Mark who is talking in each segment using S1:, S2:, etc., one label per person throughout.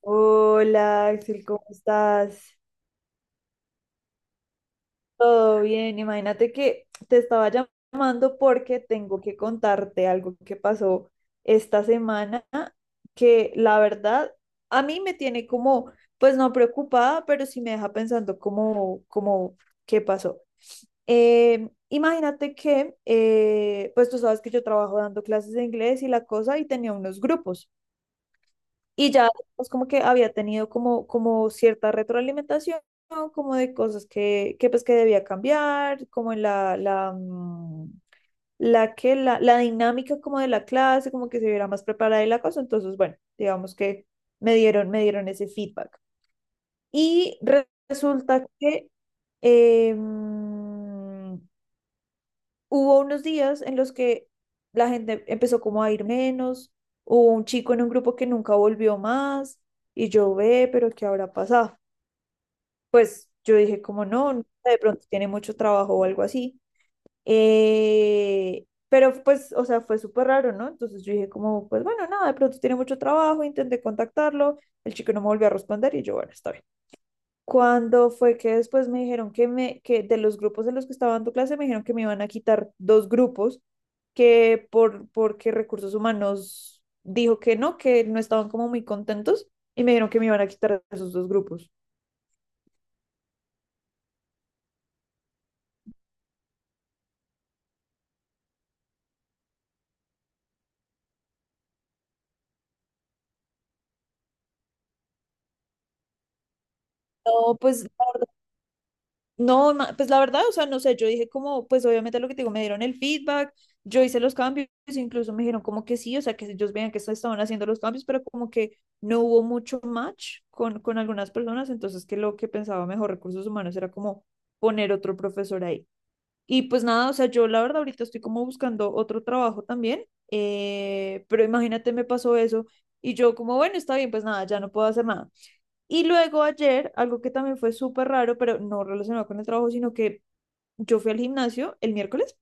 S1: Hola Axel, ¿cómo estás? Todo bien, imagínate que te estaba llamando porque tengo que contarte algo que pasó esta semana que la verdad a mí me tiene como, pues no preocupada, pero sí me deja pensando como, ¿qué pasó? Imagínate que, pues tú sabes que yo trabajo dando clases de inglés y la cosa y tenía unos grupos. Y ya, pues como que había tenido como, como cierta retroalimentación, ¿no? Como de cosas que pues que debía cambiar, como en la que, la dinámica como de la clase, como que se viera más preparada y la cosa. Entonces, bueno, digamos que me dieron ese feedback. Y resulta que, eh, hubo unos días en los que la gente empezó como a ir menos, hubo un chico en un grupo que nunca volvió más y yo ve, pero ¿qué habrá pasado? Pues yo dije como no, no sé, de pronto tiene mucho trabajo o algo así. Pero pues, o sea, fue súper raro, ¿no? Entonces yo dije como, pues bueno, nada, de pronto tiene mucho trabajo, intenté contactarlo, el chico no me volvió a responder y yo, bueno, está bien. Cuando fue que después me dijeron que de los grupos en los que estaba dando clase, me dijeron que me iban a quitar dos grupos, que porque recursos humanos dijo que no estaban como muy contentos, y me dijeron que me iban a quitar esos dos grupos. No, pues no, pues la verdad, o sea, no sé, yo dije como, pues obviamente lo que te digo, me dieron el feedback, yo hice los cambios, incluso me dijeron como que sí, o sea, que ellos veían que se estaban haciendo los cambios, pero como que no hubo mucho match con algunas personas, entonces que lo que pensaba mejor recursos humanos era como poner otro profesor ahí. Y pues nada, o sea, yo la verdad ahorita estoy como buscando otro trabajo también, pero imagínate, me pasó eso y yo como, bueno, está bien, pues nada, ya no puedo hacer nada. Y luego ayer, algo que también fue súper raro, pero no relacionado con el trabajo, sino que yo fui al gimnasio el miércoles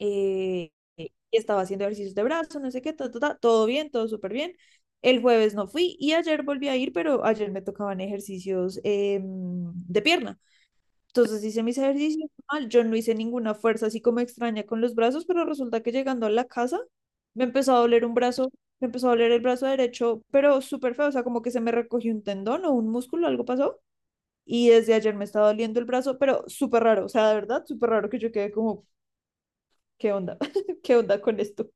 S1: eh, y estaba haciendo ejercicios de brazo, no sé qué, ta, ta, ta, todo bien, todo súper bien. El jueves no fui y ayer volví a ir, pero ayer me tocaban ejercicios de pierna. Entonces hice mis ejercicios mal, yo no hice ninguna fuerza así como extraña con los brazos, pero resulta que llegando a la casa me empezó a doler un brazo, me empezó a doler el brazo derecho, pero súper feo, o sea, como que se me recogió un tendón o un músculo, algo pasó y desde ayer me está doliendo el brazo, pero súper raro, o sea, de verdad, súper raro que yo quede como, ¿qué onda? ¿Qué onda con esto?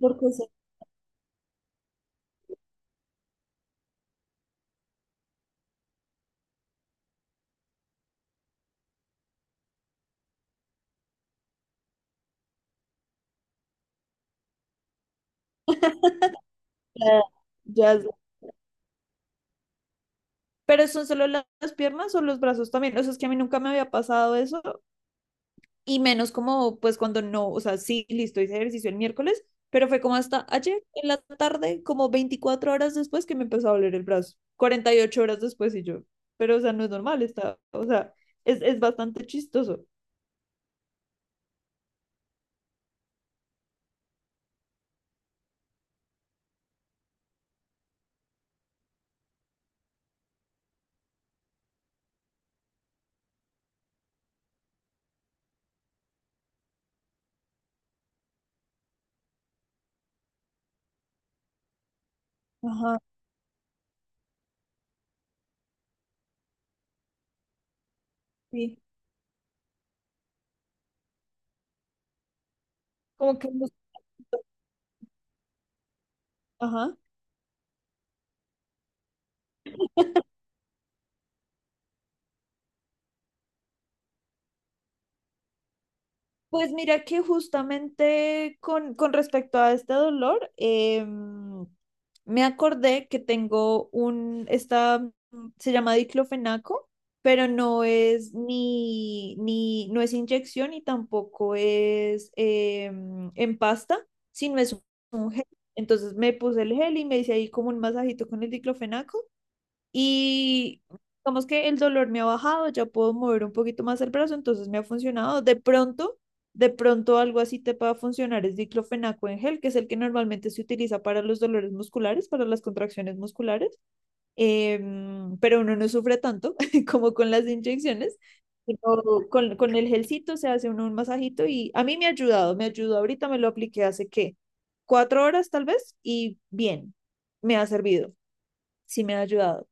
S1: Porque sí. Ya, ya es- pero son solo las piernas o los brazos también. O sea, es que a mí nunca me había pasado eso. Y menos como, pues cuando no, o sea, sí, listo, hice ejercicio el miércoles, pero fue como hasta ayer en la tarde, como 24 horas después que me empezó a doler el brazo. 48 horas después y yo. Pero, o sea, no es normal, está, o sea, es bastante chistoso. Ajá, sí. Como que ajá. Pues mira que justamente con respecto a este dolor, me acordé que tengo un, esta, se llama diclofenaco, pero no es ni, no es inyección y tampoco es en pasta, sino es un gel. Entonces me puse el gel y me hice ahí como un masajito con el diclofenaco, y digamos que el dolor me ha bajado, ya puedo mover un poquito más el brazo, entonces me ha funcionado. De pronto algo así te pueda funcionar es diclofenaco en gel, que es el que normalmente se utiliza para los dolores musculares, para las contracciones musculares, pero uno no sufre tanto como con las inyecciones. Sino con el gelcito se hace uno un masajito y a mí me ha ayudado, me ayudó ahorita, me lo apliqué hace qué, 4 horas tal vez y bien, me ha servido, sí me ha ayudado.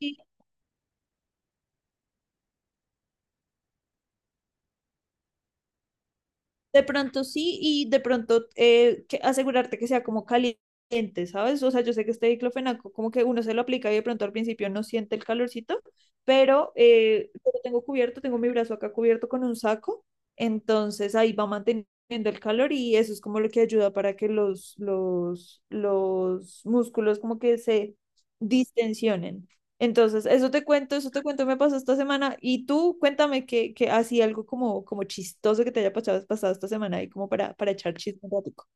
S1: Sí, de pronto sí, y de pronto asegurarte que sea como caliente, ¿sabes? O sea, yo sé que este diclofenaco, como que uno se lo aplica y de pronto al principio no siente el calorcito, pero yo lo tengo cubierto, tengo mi brazo acá cubierto con un saco, entonces ahí va manteniendo el calor y eso es como lo que ayuda para que los músculos como que se distensionen. Entonces, eso te cuento, me pasó esta semana. Y tú, cuéntame que así algo como, como chistoso que te haya pasado, pasado esta semana y como para echar chisme un ratico.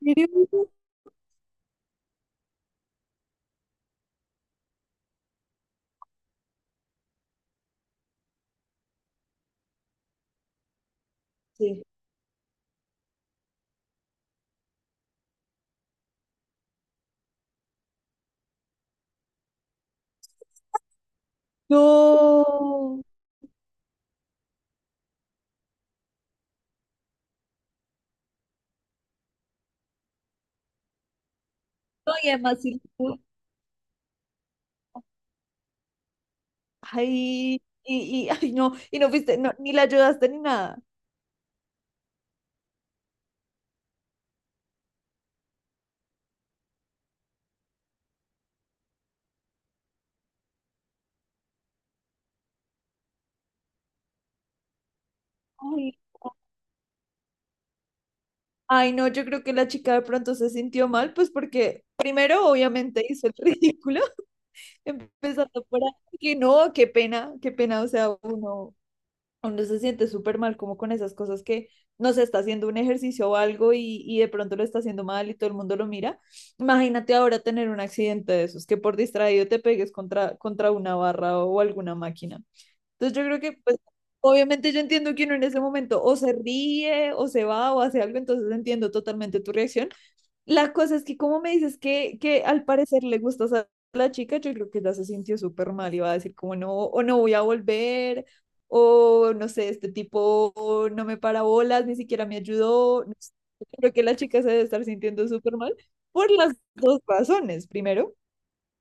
S1: ¿En serio? Sí. No. No, y además sí ay, ay, no, y no fuiste, no, ni la ayudaste ni nada. Ay, ay, no, yo creo que la chica de pronto se sintió mal, pues porque primero obviamente hizo el ridículo, empezando por ahí, que no, qué pena, o sea, uno se siente súper mal como con esas cosas que no se está haciendo un ejercicio o algo y de pronto lo está haciendo mal y todo el mundo lo mira. Imagínate ahora tener un accidente de esos, que por distraído te pegues contra una barra o alguna máquina. Entonces yo creo que, pues, obviamente yo entiendo que uno en ese momento o se ríe o se va o hace algo, entonces entiendo totalmente tu reacción, la cosa es que como me dices que al parecer le gustas a la chica, yo creo que ya se sintió súper mal y va a decir como no, o no voy a volver, o no sé, este tipo no me para bolas, ni siquiera me ayudó. No sé. Creo que la chica se debe estar sintiendo súper mal por las dos razones. Primero,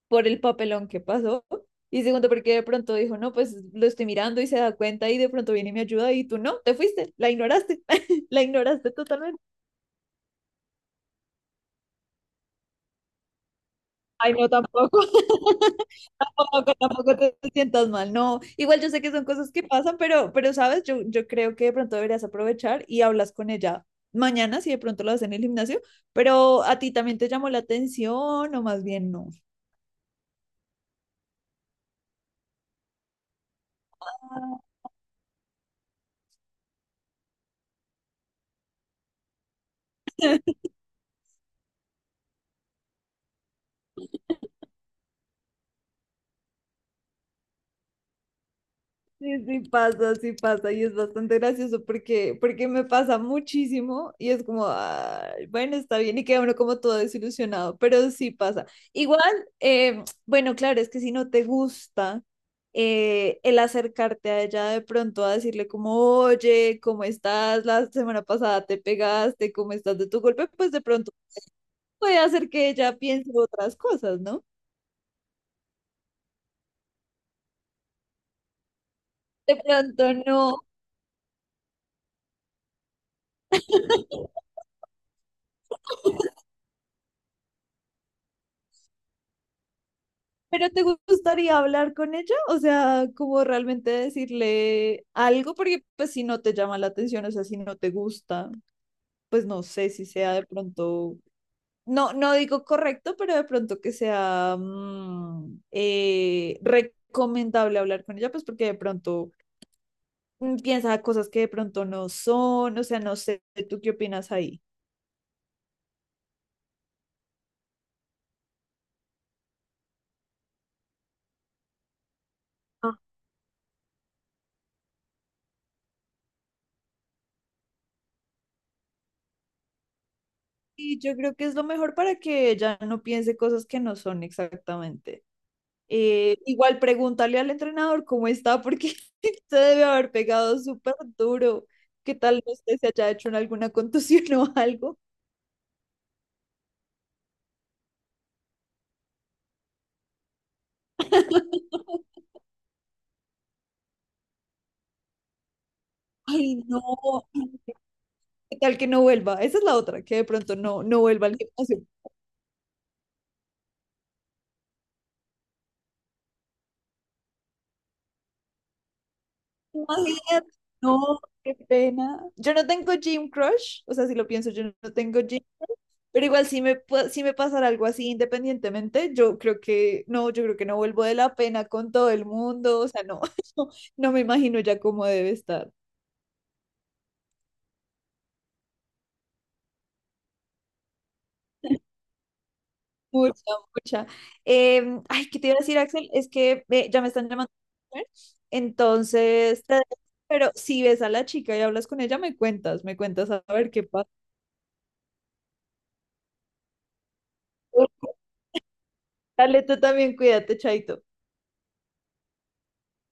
S1: por el papelón que pasó. Y segundo, porque de pronto dijo, no, pues lo estoy mirando y se da cuenta y de pronto viene y me ayuda y tú no, te fuiste, la ignoraste, la ignoraste totalmente. Ay, no, tampoco. Tampoco, tampoco te sientas mal. No, igual yo sé que son cosas que pasan, pero sabes, yo creo que de pronto deberías aprovechar y hablas con ella mañana si de pronto lo haces en el gimnasio, pero a ti también te llamó la atención o más bien no. Ah, sí, sí pasa y es bastante gracioso porque me pasa muchísimo y es como, "Ay, bueno, está bien" y queda uno como todo desilusionado, pero sí pasa. Igual, bueno, claro, es que si no te gusta el acercarte a ella de pronto a decirle como, oye, ¿cómo estás? La semana pasada te pegaste, ¿cómo estás de tu golpe? Pues de pronto puede hacer que ella piense otras cosas, ¿no? De pronto no. ¿Pero te gustaría hablar con ella? O sea, como realmente decirle algo, porque pues si no te llama la atención, o sea, si no te gusta, pues no sé si sea de pronto no, no digo correcto, pero de pronto que sea recomendable hablar con ella, pues porque de pronto piensa cosas que de pronto no son, o sea, no sé, ¿tú qué opinas ahí? Ah, y yo creo que es lo mejor para que ella no piense cosas que no son exactamente. Igual pregúntale al entrenador cómo está, porque se debe haber pegado súper duro. ¿Qué tal no sé si haya hecho en alguna contusión o algo? Ay, no, ¿qué tal que no vuelva? Esa es la otra, que de pronto no, no vuelva al gimnasio. Imagínate, no, qué pena. Yo no tengo gym crush, o sea, si lo pienso, yo no tengo gym, pero igual si me, si me pasara algo así independientemente, yo creo que no vuelvo de la pena con todo el mundo, o sea, no, no, no me imagino ya cómo debe estar. Mucha, mucha. Ay, ¿qué te iba a decir, Axel? Es que ya me están llamando a comer. Entonces, te dejo, pero si ves a la chica y hablas con ella, me cuentas a ver qué pasa. Dale, tú también cuídate, Chaito.